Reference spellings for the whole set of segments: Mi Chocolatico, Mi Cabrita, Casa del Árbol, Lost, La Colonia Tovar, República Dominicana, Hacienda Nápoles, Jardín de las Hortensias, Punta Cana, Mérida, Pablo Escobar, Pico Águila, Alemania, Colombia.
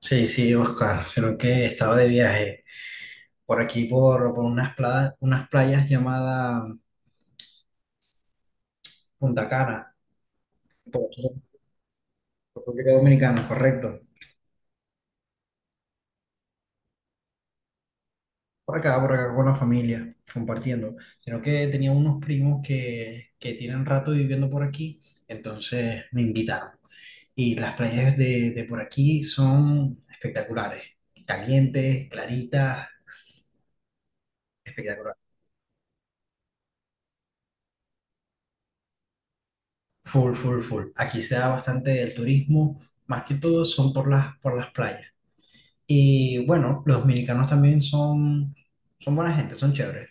Sí, sí, Oscar, sino que estaba de viaje por aquí, por unas, unas playas llamadas Punta Cana, por aquí, por República Dominicana, correcto. Por acá con la familia, compartiendo. Sino que tenía unos primos que tienen rato viviendo por aquí, entonces me invitaron. Y las playas de por aquí son espectaculares, calientes, claritas, espectacular. Full, full, full. Aquí se da bastante el turismo, más que todo son por las playas. Y bueno, los dominicanos también son, son buena gente, son chéveres.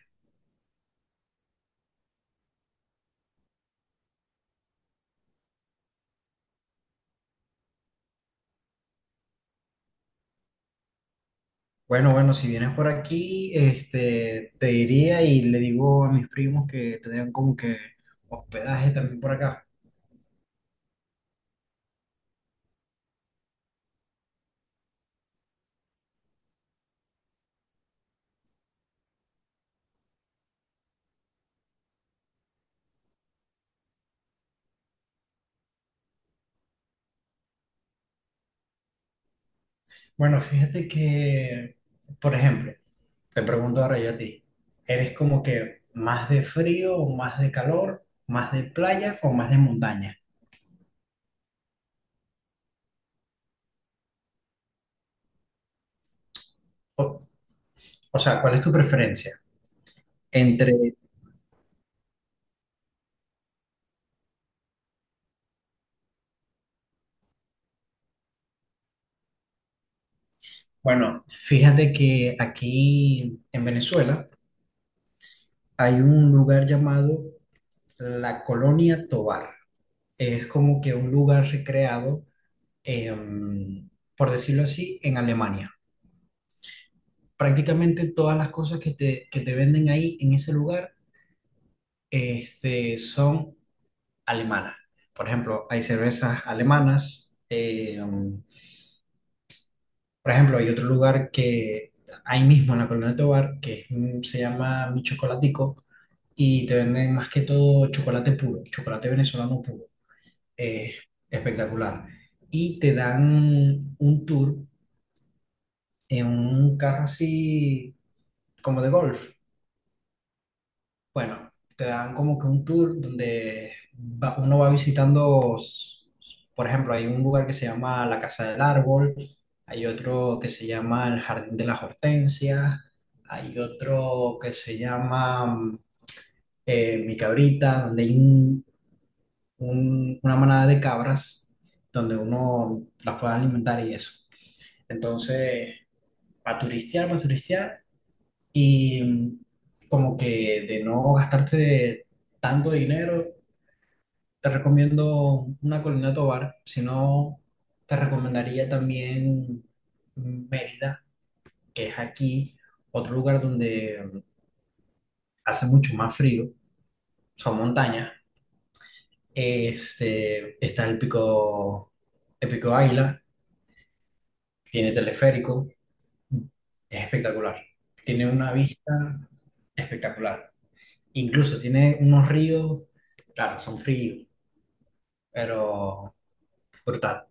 Bueno, bueno, si vienes por aquí, te diría y le digo a mis primos que te den como que hospedaje también por acá. Bueno, fíjate que, por ejemplo, te pregunto ahora yo a ti, ¿eres como que más de frío o más de calor, más de playa o más de montaña? O, o sea, ¿cuál es tu preferencia? Entre, bueno, fíjate que aquí en Venezuela, hay un lugar llamado La Colonia Tovar. Es como que un lugar recreado, em, por decirlo así, en Alemania. Prácticamente todas las cosas que te venden ahí en ese lugar son alemanas. Por ejemplo, hay cervezas alemanas. Por ejemplo, hay otro lugar que ahí mismo en la Colonia Tovar, que se llama Mi Chocolatico, y te venden más que todo chocolate puro, chocolate venezolano puro. eh, Espectacular. Y te dan un tour en un carro así como de golf. Bueno, te dan como que un tour donde uno va visitando, por ejemplo, hay un lugar que se llama la Casa del Árbol, hay otro que se llama el Jardín de las Hortensias, hay otro que se llama Mi Cabrita, donde hay una manada de cabras donde uno las pueda alimentar y eso. Entonces, para turistear y como que de no gastarte tanto dinero, te recomiendo una Colina Tovar, si no, te recomendaría también Mérida, que es aquí otro lugar donde hace mucho más frío, son montañas, está el pico Águila, tiene teleférico, es espectacular. Tiene una vista espectacular. Incluso tiene unos ríos, claro, son fríos, pero brutal.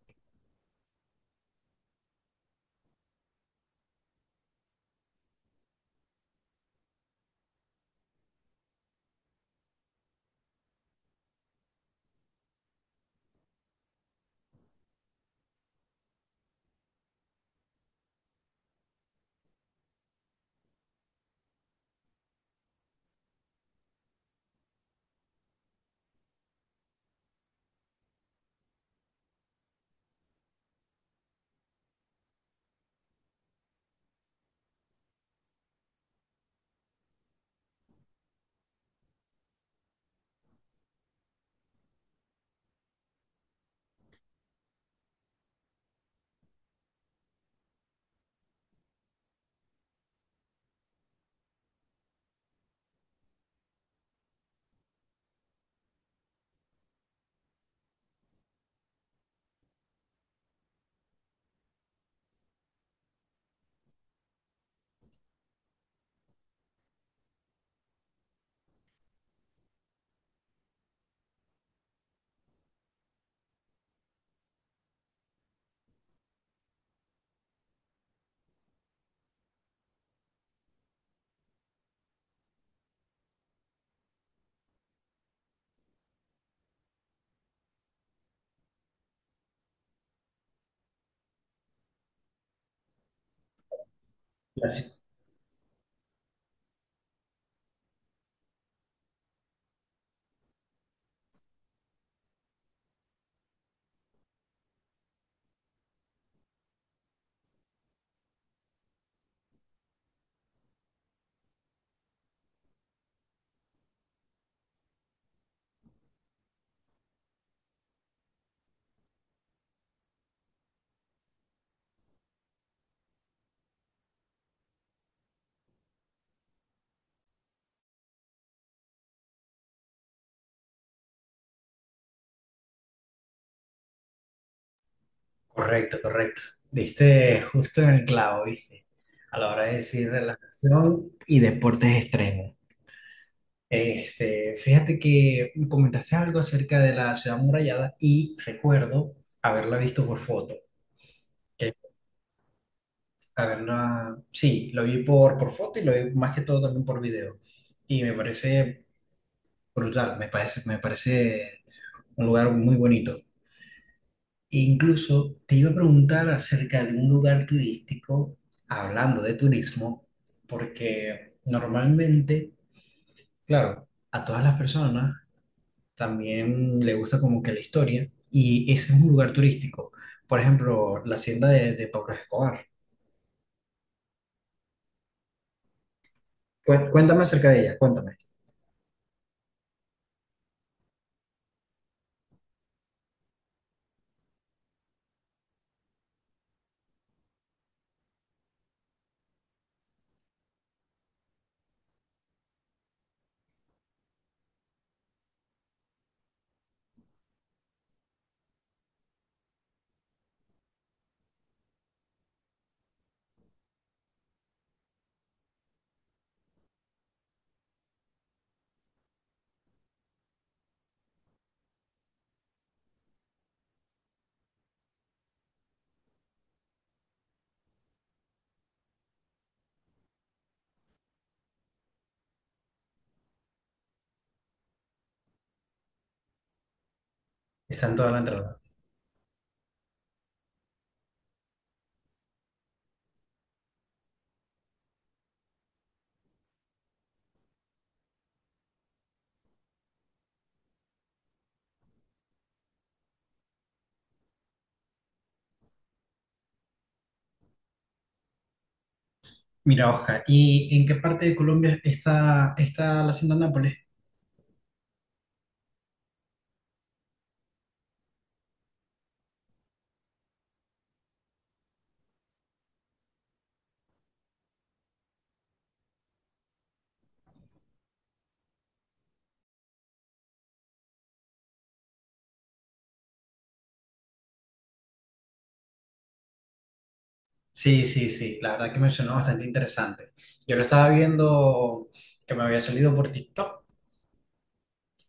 La ci- Correcto, correcto. Diste justo en el clavo, ¿viste? A la hora de decir relajación y deportes extremos. Fíjate que comentaste algo acerca de la ciudad amurallada y recuerdo haberla visto por foto. A ver, no, sí, lo vi por foto y lo vi más que todo también por video. Y me parece brutal, me parece un lugar muy bonito. E incluso te iba a preguntar acerca de un lugar turístico, hablando de turismo, porque normalmente, claro, a todas las personas también le gusta como que la historia y ese es un lugar turístico. Por ejemplo, la hacienda de Pablo Escobar. Cuéntame acerca de ella, cuéntame. Está en toda la entrada. Mira, Oscar, ¿y en qué parte de Colombia está la hacienda Nápoles? Sí, sí, sí, la verdad que me sonó bastante interesante. Yo lo estaba viendo que me había salido por TikTok,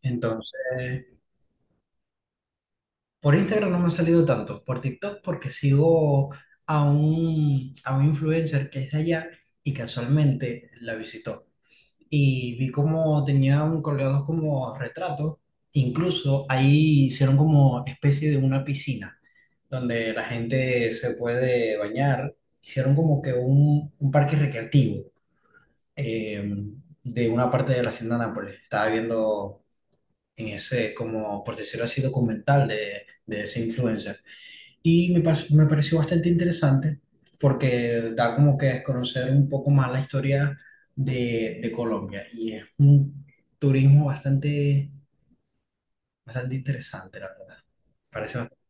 entonces por Instagram no me ha salido tanto, por TikTok porque sigo a a un influencer que es de allá y casualmente la visitó. Y vi como tenían colgados como retratos, incluso ahí hicieron como especie de una piscina donde la gente se puede bañar, hicieron como que un parque recreativo eh, de una parte de la hacienda Nápoles. Estaba viendo en ese, como por decirlo así, documental de ese influencer. Y me pareció bastante interesante porque da como que desconocer un poco más la historia de Colombia y es un turismo bastante, bastante interesante, la verdad. Parece bastante-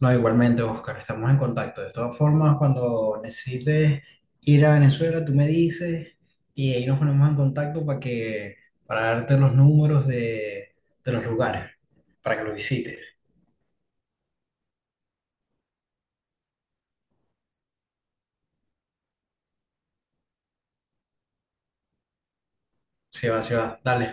No, igualmente, Oscar, estamos en contacto. De todas formas, cuando necesites ir a Venezuela, tú me dices y ahí nos ponemos en contacto para que, para darte los números de los lugares, para que los visites. Sí va, dale.